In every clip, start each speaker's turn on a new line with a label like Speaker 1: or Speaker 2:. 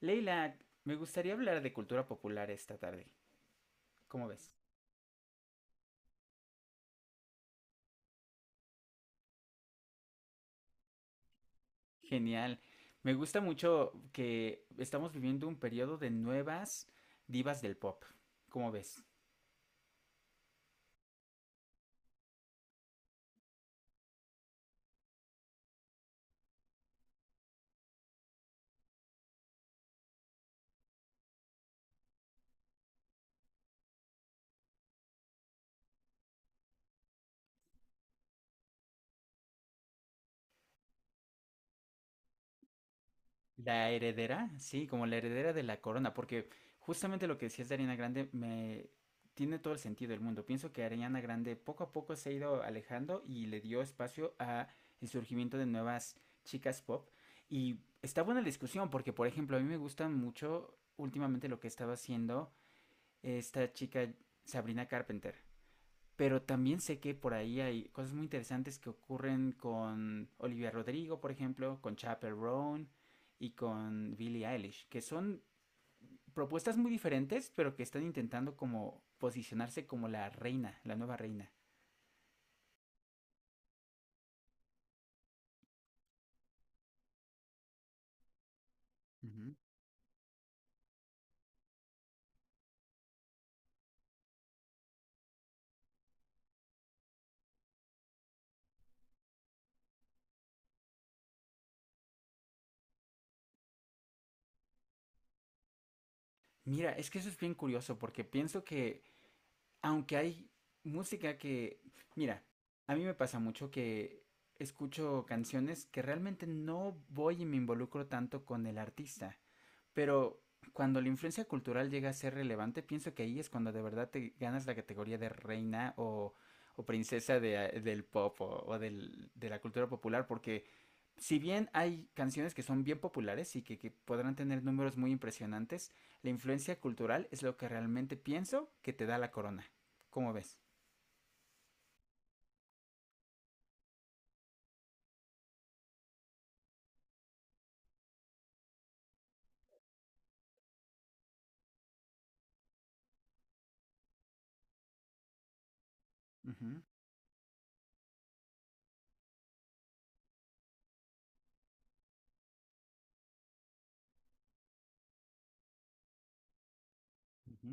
Speaker 1: Leila, me gustaría hablar de cultura popular esta tarde. ¿Cómo ves? Genial. Me gusta mucho que estamos viviendo un periodo de nuevas divas del pop. ¿Cómo ves? La heredera, sí, como la heredera de la corona, porque justamente lo que decías de Ariana Grande me tiene todo el sentido del mundo. Pienso que Ariana Grande poco a poco se ha ido alejando y le dio espacio a el surgimiento de nuevas chicas pop. Y está buena la discusión, porque por ejemplo, a mí me gusta mucho últimamente lo que estaba haciendo esta chica Sabrina Carpenter. Pero también sé que por ahí hay cosas muy interesantes que ocurren con Olivia Rodrigo, por ejemplo, con Chappell Roan y con Billie Eilish, que son propuestas muy diferentes, pero que están intentando como posicionarse como la reina, la nueva reina. Uh -huh. Mira, es que eso es bien curioso porque pienso que aunque hay música que, mira, a mí me pasa mucho que escucho canciones que realmente no voy y me involucro tanto con el artista. Pero cuando la influencia cultural llega a ser relevante, pienso que ahí es cuando de verdad te ganas la categoría de reina o princesa del pop o de la cultura popular, porque si bien hay canciones que son bien populares y que podrán tener números muy impresionantes, la influencia cultural es lo que realmente pienso que te da la corona. ¿Cómo ves? Ujú. Ujú.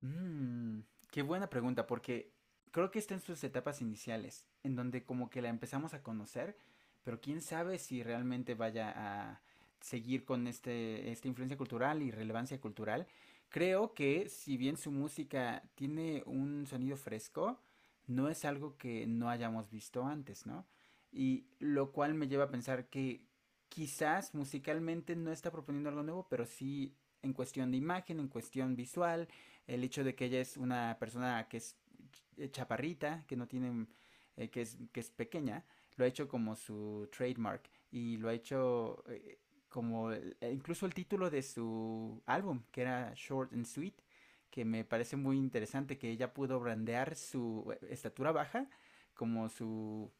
Speaker 1: Mm, qué buena pregunta, porque creo que está en sus etapas iniciales, en donde como que la empezamos a conocer, pero quién sabe si realmente vaya a seguir con esta influencia cultural y relevancia cultural. Creo que si bien su música tiene un sonido fresco, no es algo que no hayamos visto antes, ¿no? Y lo cual me lleva a pensar que quizás musicalmente no está proponiendo algo nuevo, pero sí en cuestión de imagen, en cuestión visual, el hecho de que ella es una persona que es chaparrita, que no tiene, que es pequeña, lo ha hecho como su trademark y lo ha hecho como incluso el título de su álbum, que era Short and Sweet, que me parece muy interesante que ella pudo brandear su estatura baja como su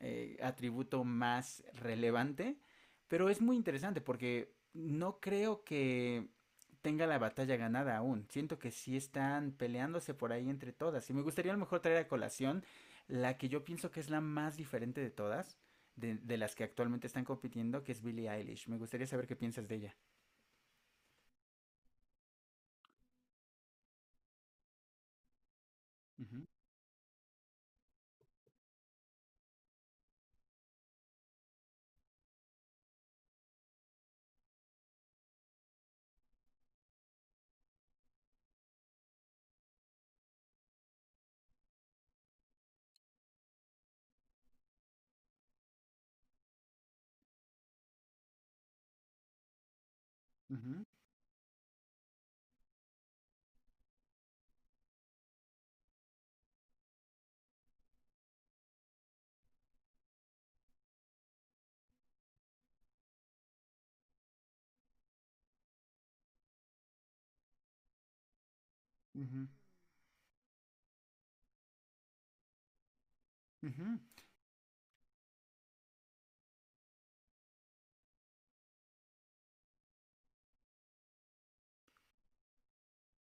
Speaker 1: atributo más relevante, pero es muy interesante porque no creo que tenga la batalla ganada aún. Siento que sí están peleándose por ahí entre todas. Y me gustaría a lo mejor traer a colación la que yo pienso que es la más diferente de todas, de las que actualmente están compitiendo, que es Billie Eilish. Me gustaría saber qué piensas de ella. Ujú. Ujú. Ujú. Ujú.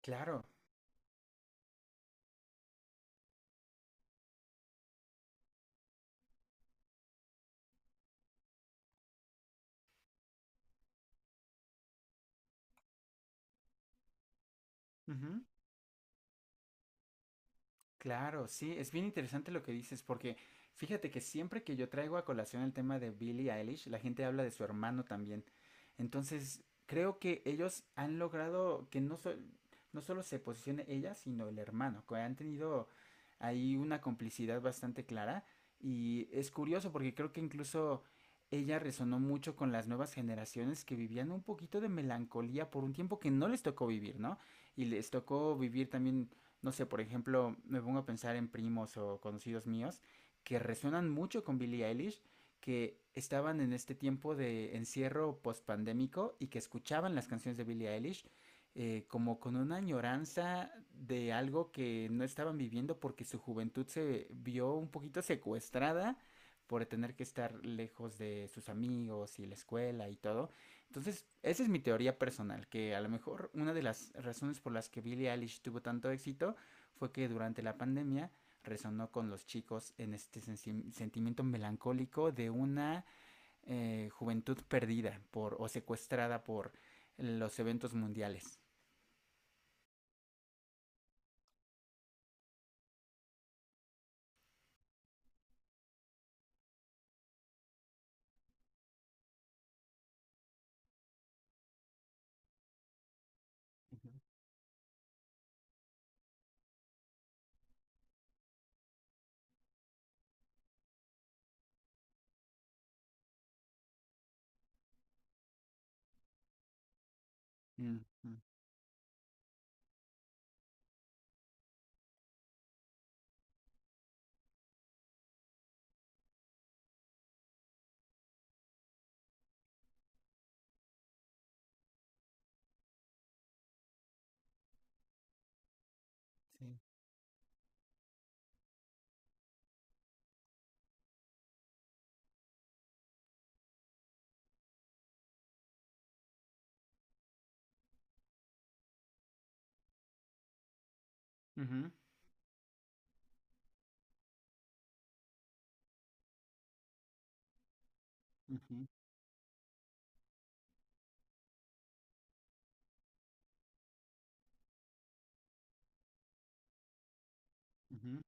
Speaker 1: Claro. Ujú. Claro, sí, es bien interesante lo que dices, porque fíjate que siempre que yo traigo a colación el tema de Billie Eilish, la gente habla de su hermano también. Entonces, creo que ellos han logrado que no solo se posicione ella, sino el hermano, que han tenido ahí una complicidad bastante clara. Y es curioso porque creo que incluso ella resonó mucho con las nuevas generaciones que vivían un poquito de melancolía por un tiempo que no les tocó vivir, ¿no? Y les tocó vivir también no sé, por ejemplo, me pongo a pensar en primos o conocidos míos que resuenan mucho con Billie Eilish, que estaban en este tiempo de encierro postpandémico y que escuchaban las canciones de Billie Eilish como con una añoranza de algo que no estaban viviendo porque su juventud se vio un poquito secuestrada por tener que estar lejos de sus amigos y la escuela y todo. Entonces, esa es mi teoría personal, que a lo mejor una de las razones por las que Billie Eilish tuvo tanto éxito fue que durante la pandemia resonó con los chicos en este sentimiento melancólico de una juventud perdida por o secuestrada por los eventos mundiales. Ujú. Mm, mm. Sí. Ujú. Ujú. Ujú.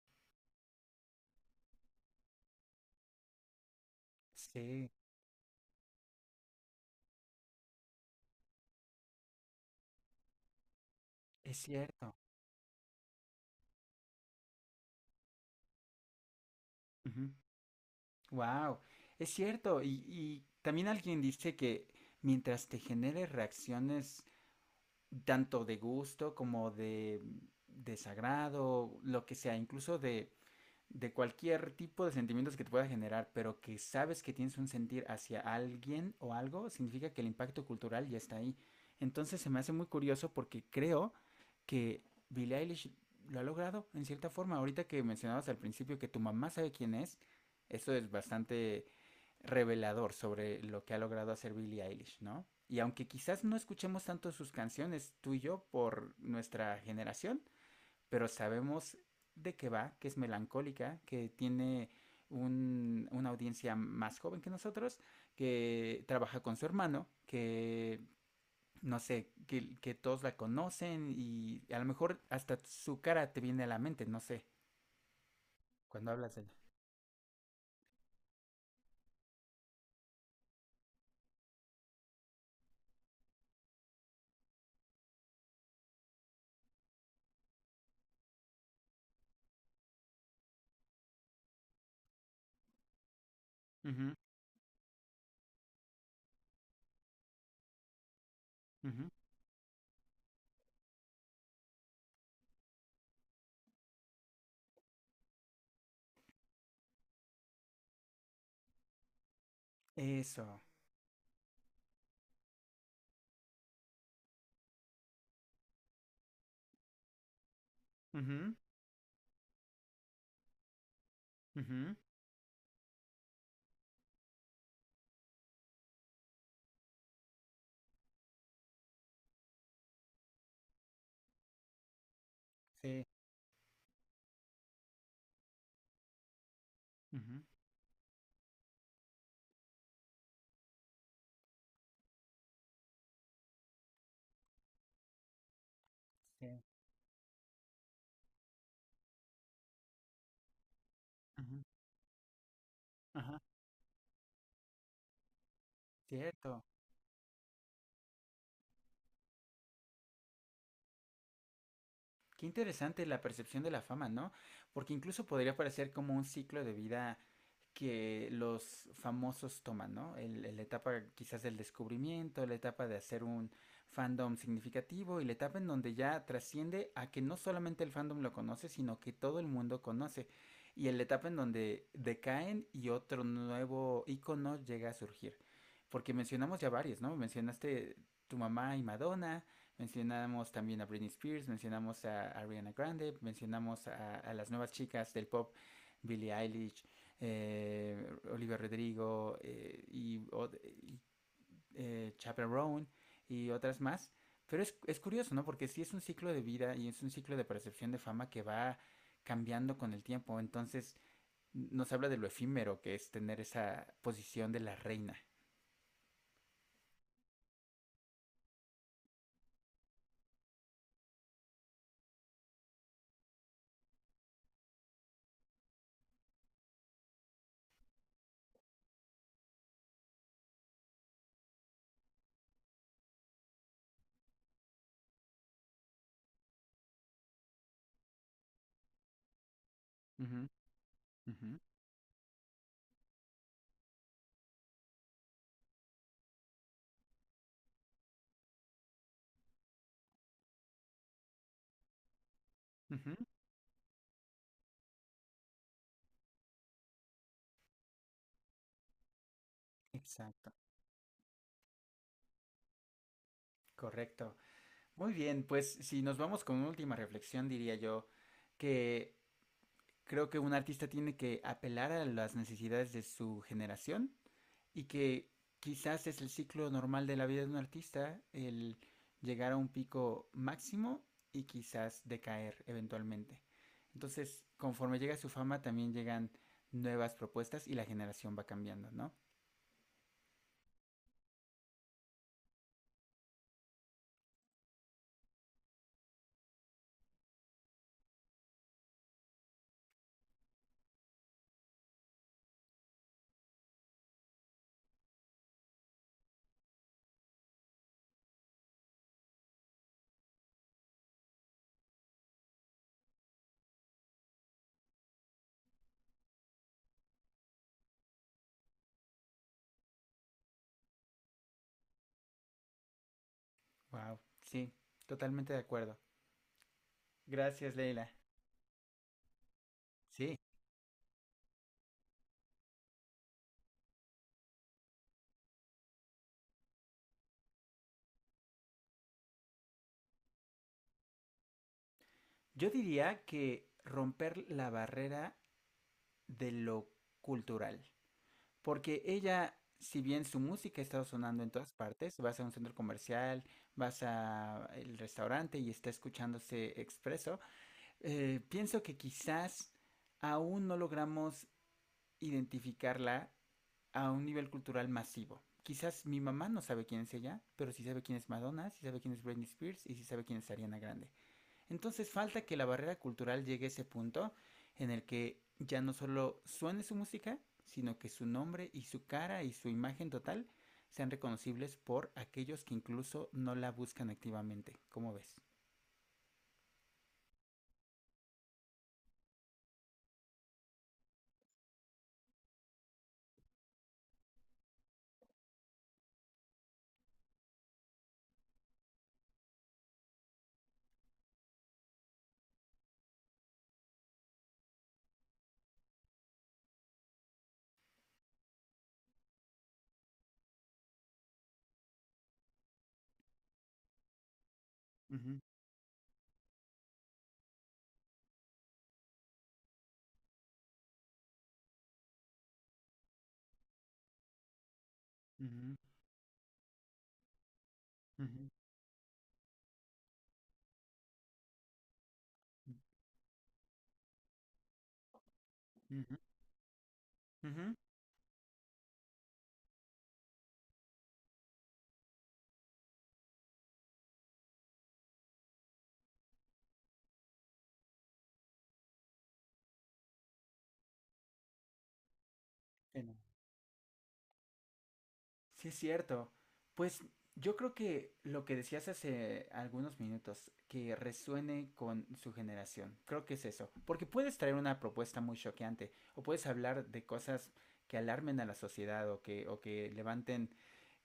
Speaker 1: Sí, es cierto. Wow, es cierto. Y también alguien dice que mientras te genere reacciones tanto de gusto como de sagrado, lo que sea, incluso de cualquier tipo de sentimientos que te pueda generar, pero que sabes que tienes un sentir hacia alguien o algo, significa que el impacto cultural ya está ahí. Entonces se me hace muy curioso porque creo que Billie Eilish lo ha logrado en cierta forma. Ahorita que mencionabas al principio que tu mamá sabe quién es, eso es bastante revelador sobre lo que ha logrado hacer Billie Eilish, ¿no? Y aunque quizás no escuchemos tanto sus canciones, tú y yo, por nuestra generación, pero sabemos de qué va, que es melancólica, que tiene una audiencia más joven que nosotros, que trabaja con su hermano, que no sé, que todos la conocen y a lo mejor hasta su cara te viene a la mente, no sé, cuando hablas de ella. Ujú. Ujú. Eso. Ujú. Ujú. Sí. Ujú. Sí. Ujú. Ajá, cierto. Qué interesante la percepción de la fama, ¿no? Porque incluso podría parecer como un ciclo de vida que los famosos toman, ¿no? La etapa quizás del descubrimiento, la etapa de hacer un fandom significativo y la etapa en donde ya trasciende a que no solamente el fandom lo conoce, sino que todo el mundo conoce. Y en la etapa en donde decaen y otro nuevo icono llega a surgir. Porque mencionamos ya varios, ¿no? Mencionaste tu mamá y Madonna, mencionamos también a Britney Spears, mencionamos a Ariana Grande, mencionamos a las nuevas chicas del pop, Billie Eilish, Olivia Rodrigo y, Chaperone y otras más. Pero es curioso, ¿no? Porque sí es un ciclo de vida y es un ciclo de percepción de fama que va cambiando con el tiempo. Entonces nos habla de lo efímero que es tener esa posición de la reina. Ujú. Ujú. Ujú. Exacto. Correcto. Muy bien, pues si nos vamos con una última reflexión, diría yo que creo que un artista tiene que apelar a las necesidades de su generación. Y que quizás es el ciclo normal de la vida de un artista, el llegar a un pico máximo y quizás decaer eventualmente. Entonces, conforme llega su fama, también llegan nuevas propuestas y la generación va cambiando, ¿no? Wow, sí, totalmente de acuerdo. Gracias, Leila. Sí. Yo diría que romper la barrera de lo cultural. Porque ella, si bien su música está sonando en todas partes, vas a un centro comercial, vas a el restaurante y está escuchándose expreso, pienso que quizás aún no logramos identificarla a un nivel cultural masivo. Quizás mi mamá no sabe quién es ella, pero sí sabe quién es Madonna, sí sabe quién es Britney Spears y sí sabe quién es Ariana Grande. Entonces falta que la barrera cultural llegue a ese punto en el que ya no solo suene su música, sino que su nombre y su cara y su imagen total sean reconocibles por aquellos que incluso no la buscan activamente. ¿Cómo ves? Ujú. Ujú. Ujú. Ujú. Ujú. Ujú. Sí, no. Sí, es cierto. Pues yo creo que lo que decías hace algunos minutos, que resuene con su generación, creo que es eso. Porque puedes traer una propuesta muy choqueante o puedes hablar de cosas que alarmen a la sociedad o que levanten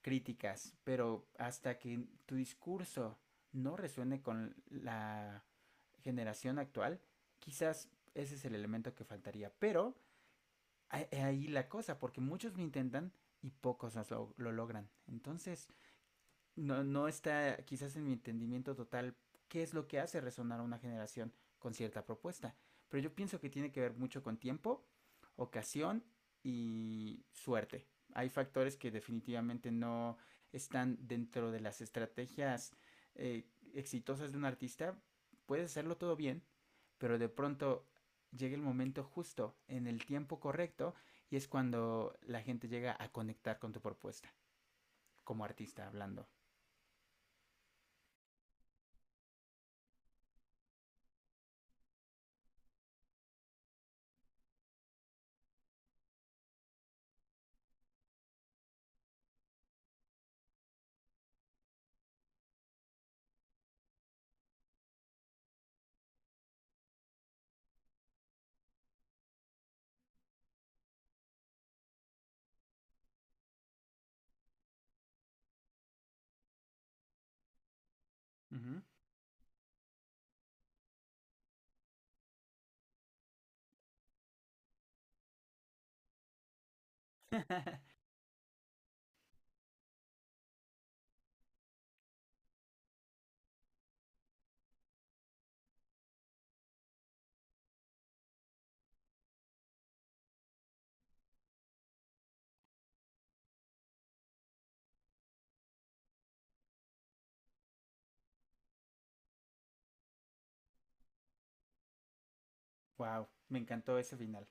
Speaker 1: críticas, pero hasta que tu discurso no resuene con la generación actual, quizás ese es el elemento que faltaría. Pero ahí la cosa, porque muchos lo intentan y pocos lo logran. Entonces, no, no está quizás en mi entendimiento total qué es lo que hace resonar a una generación con cierta propuesta. Pero yo pienso que tiene que ver mucho con tiempo, ocasión y suerte. Hay factores que definitivamente no están dentro de las estrategias eh, exitosas de un artista. Puedes hacerlo todo bien, pero de pronto llega el momento justo, en el tiempo correcto, y es cuando la gente llega a conectar con tu propuesta, como artista hablando. Uh -huh. Wow, me encantó ese final.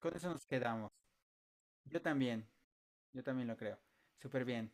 Speaker 1: Con eso nos quedamos. Yo también, yo también lo creo. Súper bien.